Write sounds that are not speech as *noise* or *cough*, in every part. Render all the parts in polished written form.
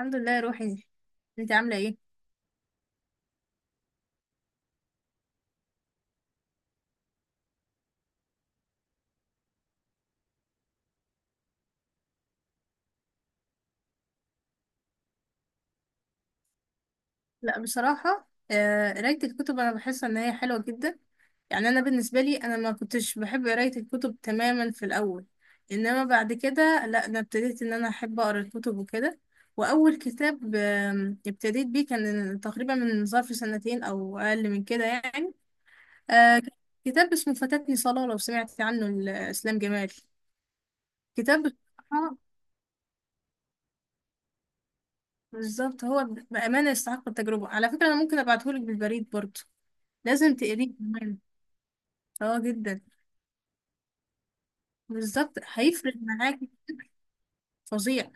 الحمد لله يا روحي. انت عامله ايه؟ لا بصراحه، قرايه الكتب انا بحس ان هي حلوه جدا. يعني انا بالنسبه لي، انا ما كنتش بحب قرايه الكتب تماما في الاول. انما بعد كده لا، انا ابتديت ان انا احب اقرا الكتب وكده. واول كتاب ابتديت بيه كان تقريبا من ظرف سنتين او اقل من كده يعني. آه، كتاب اسمه فاتتني صلاه، لو سمعت عنه، لاسلام جمال. كتاب، بالظبط هو. بأمانة يستحق التجربة. على فكرة أنا ممكن أبعتهولك بالبريد برضه. لازم تقريه كمان. اه جدا. بالظبط هيفرق معاكي. فظيع.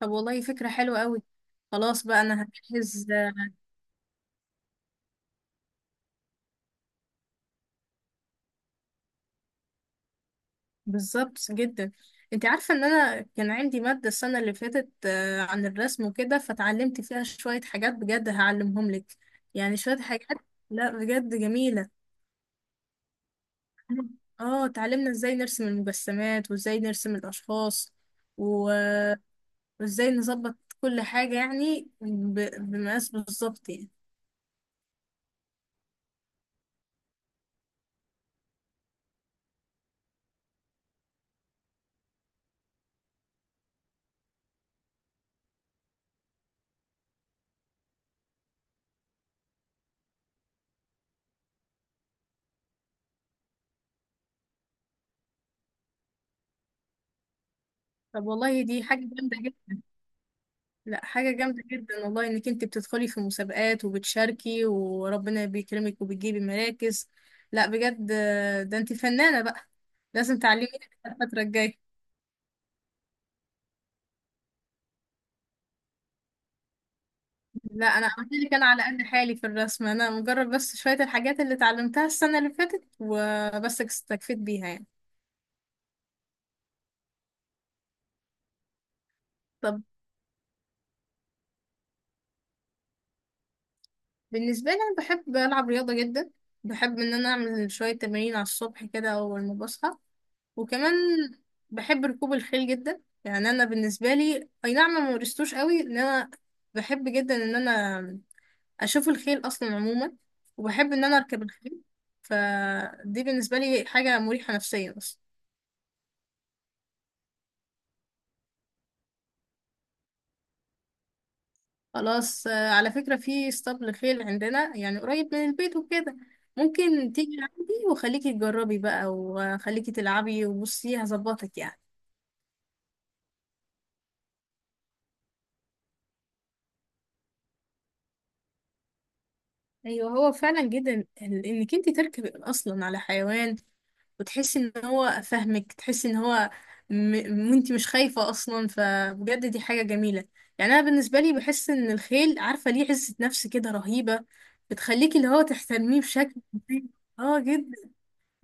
طب والله فكرة حلوة قوي. خلاص بقى أنا هجهز. *laughs* بالظبط جدا. انت عارفة ان انا كان عندي مادة السنة اللي فاتت عن الرسم وكده، فتعلمت فيها شوية حاجات بجد هعلمهم لك. يعني شوية حاجات. لا بجد جميلة. اه اتعلمنا ازاي نرسم المجسمات وازاي نرسم الاشخاص و... وازاي نظبط كل حاجة، يعني بمقاس بالظبط يعني. طب والله دي حاجة جامدة جدا. لا، حاجة جامدة جدا والله، انك انت بتدخلي في مسابقات وبتشاركي وربنا بيكرمك وبتجيبي مراكز. لا بجد، ده انت فنانة بقى. لازم تعلميني الفترة الجاية. لا انا قلت لك انا على قد حالي في الرسم. انا مجرد بس شوية الحاجات اللي اتعلمتها السنة اللي فاتت وبس استكفيت بيها يعني. طب بالنسبة لي أنا بحب ألعب رياضة جدا. بحب إن أنا أعمل شوية تمارين على الصبح كده أول ما بصحى. وكمان بحب ركوب الخيل جدا. يعني أنا بالنسبة لي، أي نعم، ما مارستوش قوي. إن أنا بحب جدا إن أنا أشوف الخيل أصلا عموما، وبحب إن أنا أركب الخيل. فدي بالنسبة لي حاجة مريحة نفسيا أصلا. خلاص، على فكرة في اسطبل خيل عندنا، يعني قريب من البيت وكده. ممكن تيجي عندي وخليكي تجربي بقى وخليكي تلعبي وبصي هظبطك يعني. ايوه هو فعلا جدا، انك انت تركبي اصلا على حيوان وتحسي ان هو فاهمك، تحسي ان هو م... وانت مش خايفة اصلا. فبجد دي حاجة جميلة. يعني انا بالنسبة لي بحس ان الخيل عارفة ليه عزة نفس كده رهيبة. بتخليكي اللي هو تحترميه بشكل، اه جدا.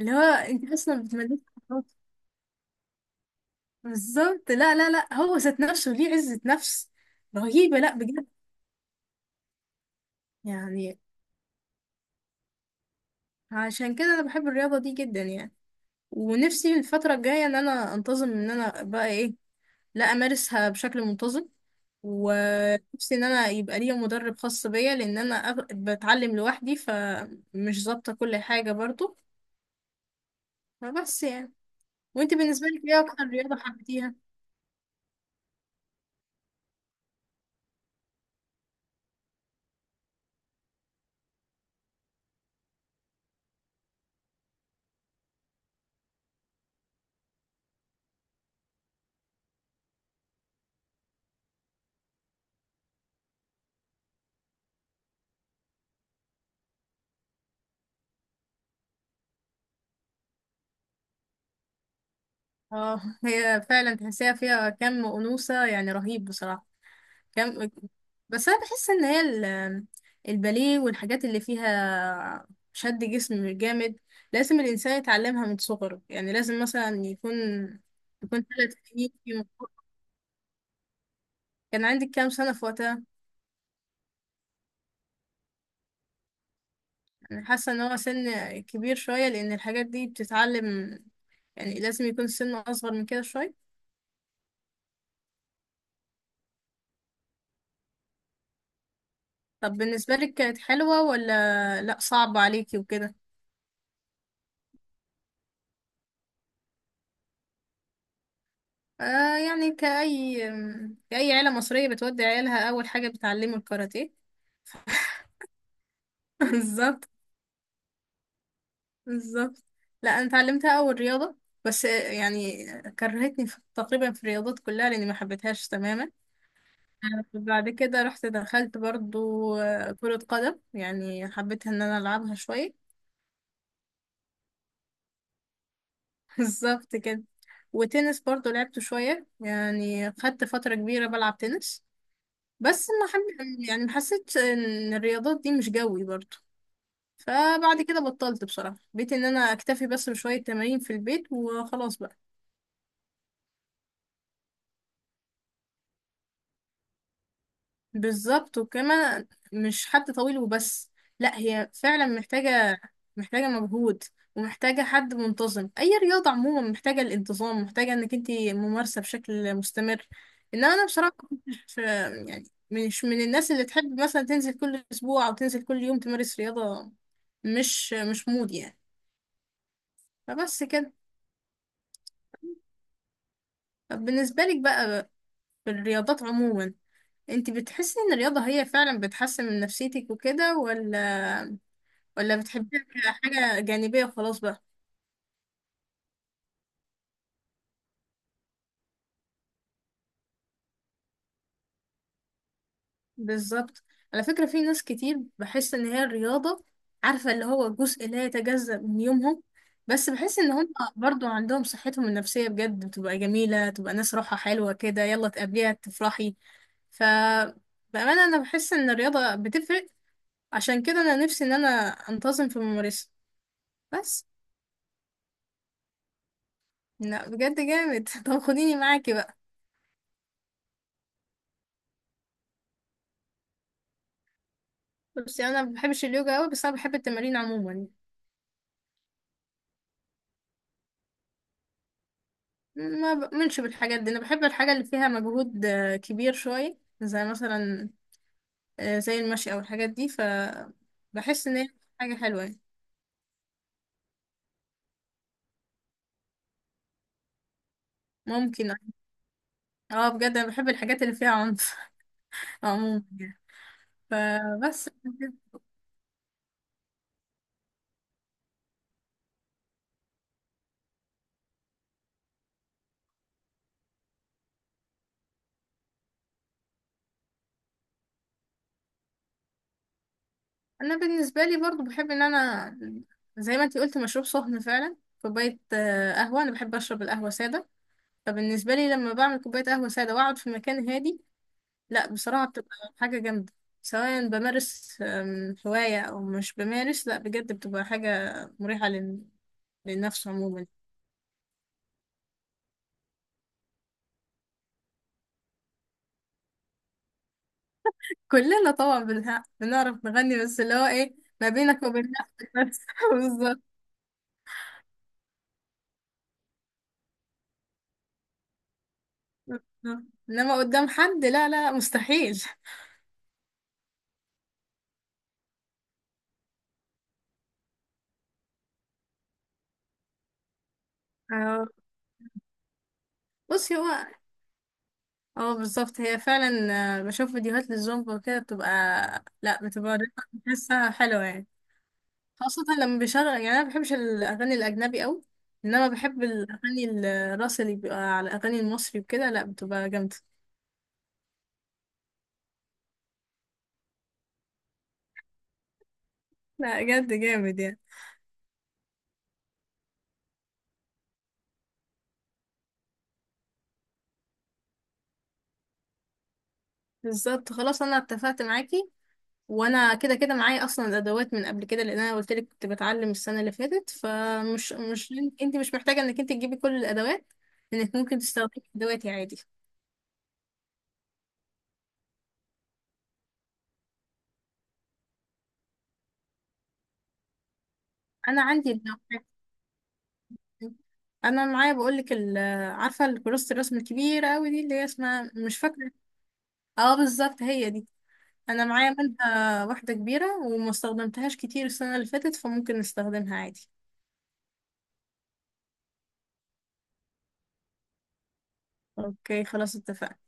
اللي هو انت اصلا بتملكي. بالظبط. لا لا لا، هو ذات نفسه ليه عزة نفس رهيبة. لا بجد، يعني عشان كده انا بحب الرياضة دي جدا يعني. ونفسي الفترة الجاية ان انا انتظم، ان انا بقى ايه، لا امارسها بشكل منتظم. ونفسي ان انا يبقى ليا مدرب خاص بيا، لان انا بتعلم لوحدي فمش ظابطة كل حاجة برضو. فبس يعني. وانت بالنسبة لك ايه اكتر رياضة حبيتيها؟ اه هي فعلا تحسيها فيها كم أنوثة، يعني رهيب بصراحة. كم، بس انا بحس ان هي الباليه والحاجات اللي فيها شد جسم جامد لازم الانسان يتعلمها من صغره. يعني لازم مثلا يكون، 3 سنين كان عندك كام سنة في وقتها؟ انا حاسة ان هو سن كبير شوية، لان الحاجات دي بتتعلم يعني لازم يكون السن اصغر من كده شوية. طب بالنسبة لك كانت حلوة ولا لا، صعب عليكي وكده؟ آه يعني كأي عيلة مصرية بتودي عيالها، أول حاجة بتعلمه الكاراتيه. *laughs* بالظبط، بالظبط. لا انا اتعلمتها اول رياضه، بس يعني كرهتني في تقريبا في الرياضات كلها لاني ما حبيتهاش تماما. بعد كده رحت دخلت برضو كرة قدم، يعني حبيت ان انا العبها شوية. *laughs* بالظبط كده. وتنس برضو لعبته شوية، يعني خدت فترة كبيرة بلعب تنس. بس ما حب يعني ما حسيتش ان الرياضات دي مش جوي برضو. فبعد كده بطلت بصراحة. بقيت ان انا اكتفي بس بشوية تمارين في البيت وخلاص بقى. بالظبط. وكمان مش حد طويل وبس، لا هي فعلا محتاجة، محتاجة مجهود ومحتاجة حد منتظم. أي رياضة عموما محتاجة الانتظام، محتاجة إنك انتي ممارسة بشكل مستمر. إنما أنا بصراحة، مش يعني مش من الناس اللي تحب مثلا تنزل كل أسبوع أو تنزل كل يوم تمارس رياضة. مش مود يعني. فبس كده. طب بالنسبة لك بقى، في الرياضات عموما، انتي بتحسي إن الرياضة هي فعلا بتحسن من نفسيتك وكده، ولا بتحبيها كحاجة جانبية وخلاص بقى؟ بالظبط. على فكرة في ناس كتير بحس إن هي الرياضة، عارفة، اللي هو جزء لا يتجزأ من يومهم. بس بحس إن هم برضو عندهم صحتهم النفسية بجد بتبقى جميلة، تبقى ناس روحها حلوة كده، يلا تقابليها تفرحي. ف بأمانة أنا بحس إن الرياضة بتفرق. عشان كده أنا نفسي إن أنا أنتظم في ممارسة. بس لا بجد جامد. *laughs* طب خديني معاكي بقى. بس أنا ما بحبش اليوجا أوي، بس أنا بحب التمارين عموما. ما بؤمنش بالحاجات دي. انا بحب الحاجة اللي فيها مجهود كبير شوية، زي مثلا زي المشي او الحاجات دي. ف بحس ان هي حاجة حلوة يعني. ممكن، اه بجد انا بحب الحاجات اللي فيها عنف *laughs* عموما يعني. فبس. *laughs* انا بالنسبة لي برضو بحب ان انا، زي ما انتي قلت، مشروب سخن فعلا، كوباية قهوة. انا بحب اشرب القهوة سادة. فبالنسبة لي لما بعمل كوباية قهوة سادة واقعد في مكان هادي، لا بصراحة بتبقى حاجة جامدة. سواء بمارس هواية أو مش بمارس، لا بجد بتبقى حاجة مريحة للنفس عموما. كلنا طبعا بنعرف نغني، بس اللي هو ايه، ما بينك وبين نفسك بس. *laughs* بالظبط. انما قدام حد، لا لا، مستحيل. آه، بصي هو، اه بالظبط هي فعلا. بشوف فيديوهات للزومبا وكده بتبقى، لا بتبقى بحسها حلوة يعني. خاصة لما بيشغل، يعني أنا مبحبش الأغاني الأجنبي أوي، إنما بحب الأغاني الراس اللي بيبقى على الأغاني المصري وكده. لأ بتبقى جامدة. لأ جد جامد يعني. بالظبط خلاص أنا اتفقت معاكي. وأنا كده كده معايا أصلا الأدوات من قبل كده، لأن أنا قلت لك كنت بتعلم السنة اللي فاتت. فمش مش أنت مش محتاجة إنك أنت تجيبي كل الأدوات، إنك ممكن تستخدمي أدواتي عادي. أنا عندي الأدوات. *laughs* انا معايا بقول لك. عارفه الكراسه الرسم الكبيره قوي دي، اللي هي اسمها مش فاكره. اه بالظبط هي دي. انا معايا منها واحدة كبيرة وما استخدمتهاش كتير السنة اللي فاتت، فممكن نستخدمها عادي. اوكي خلاص اتفقنا.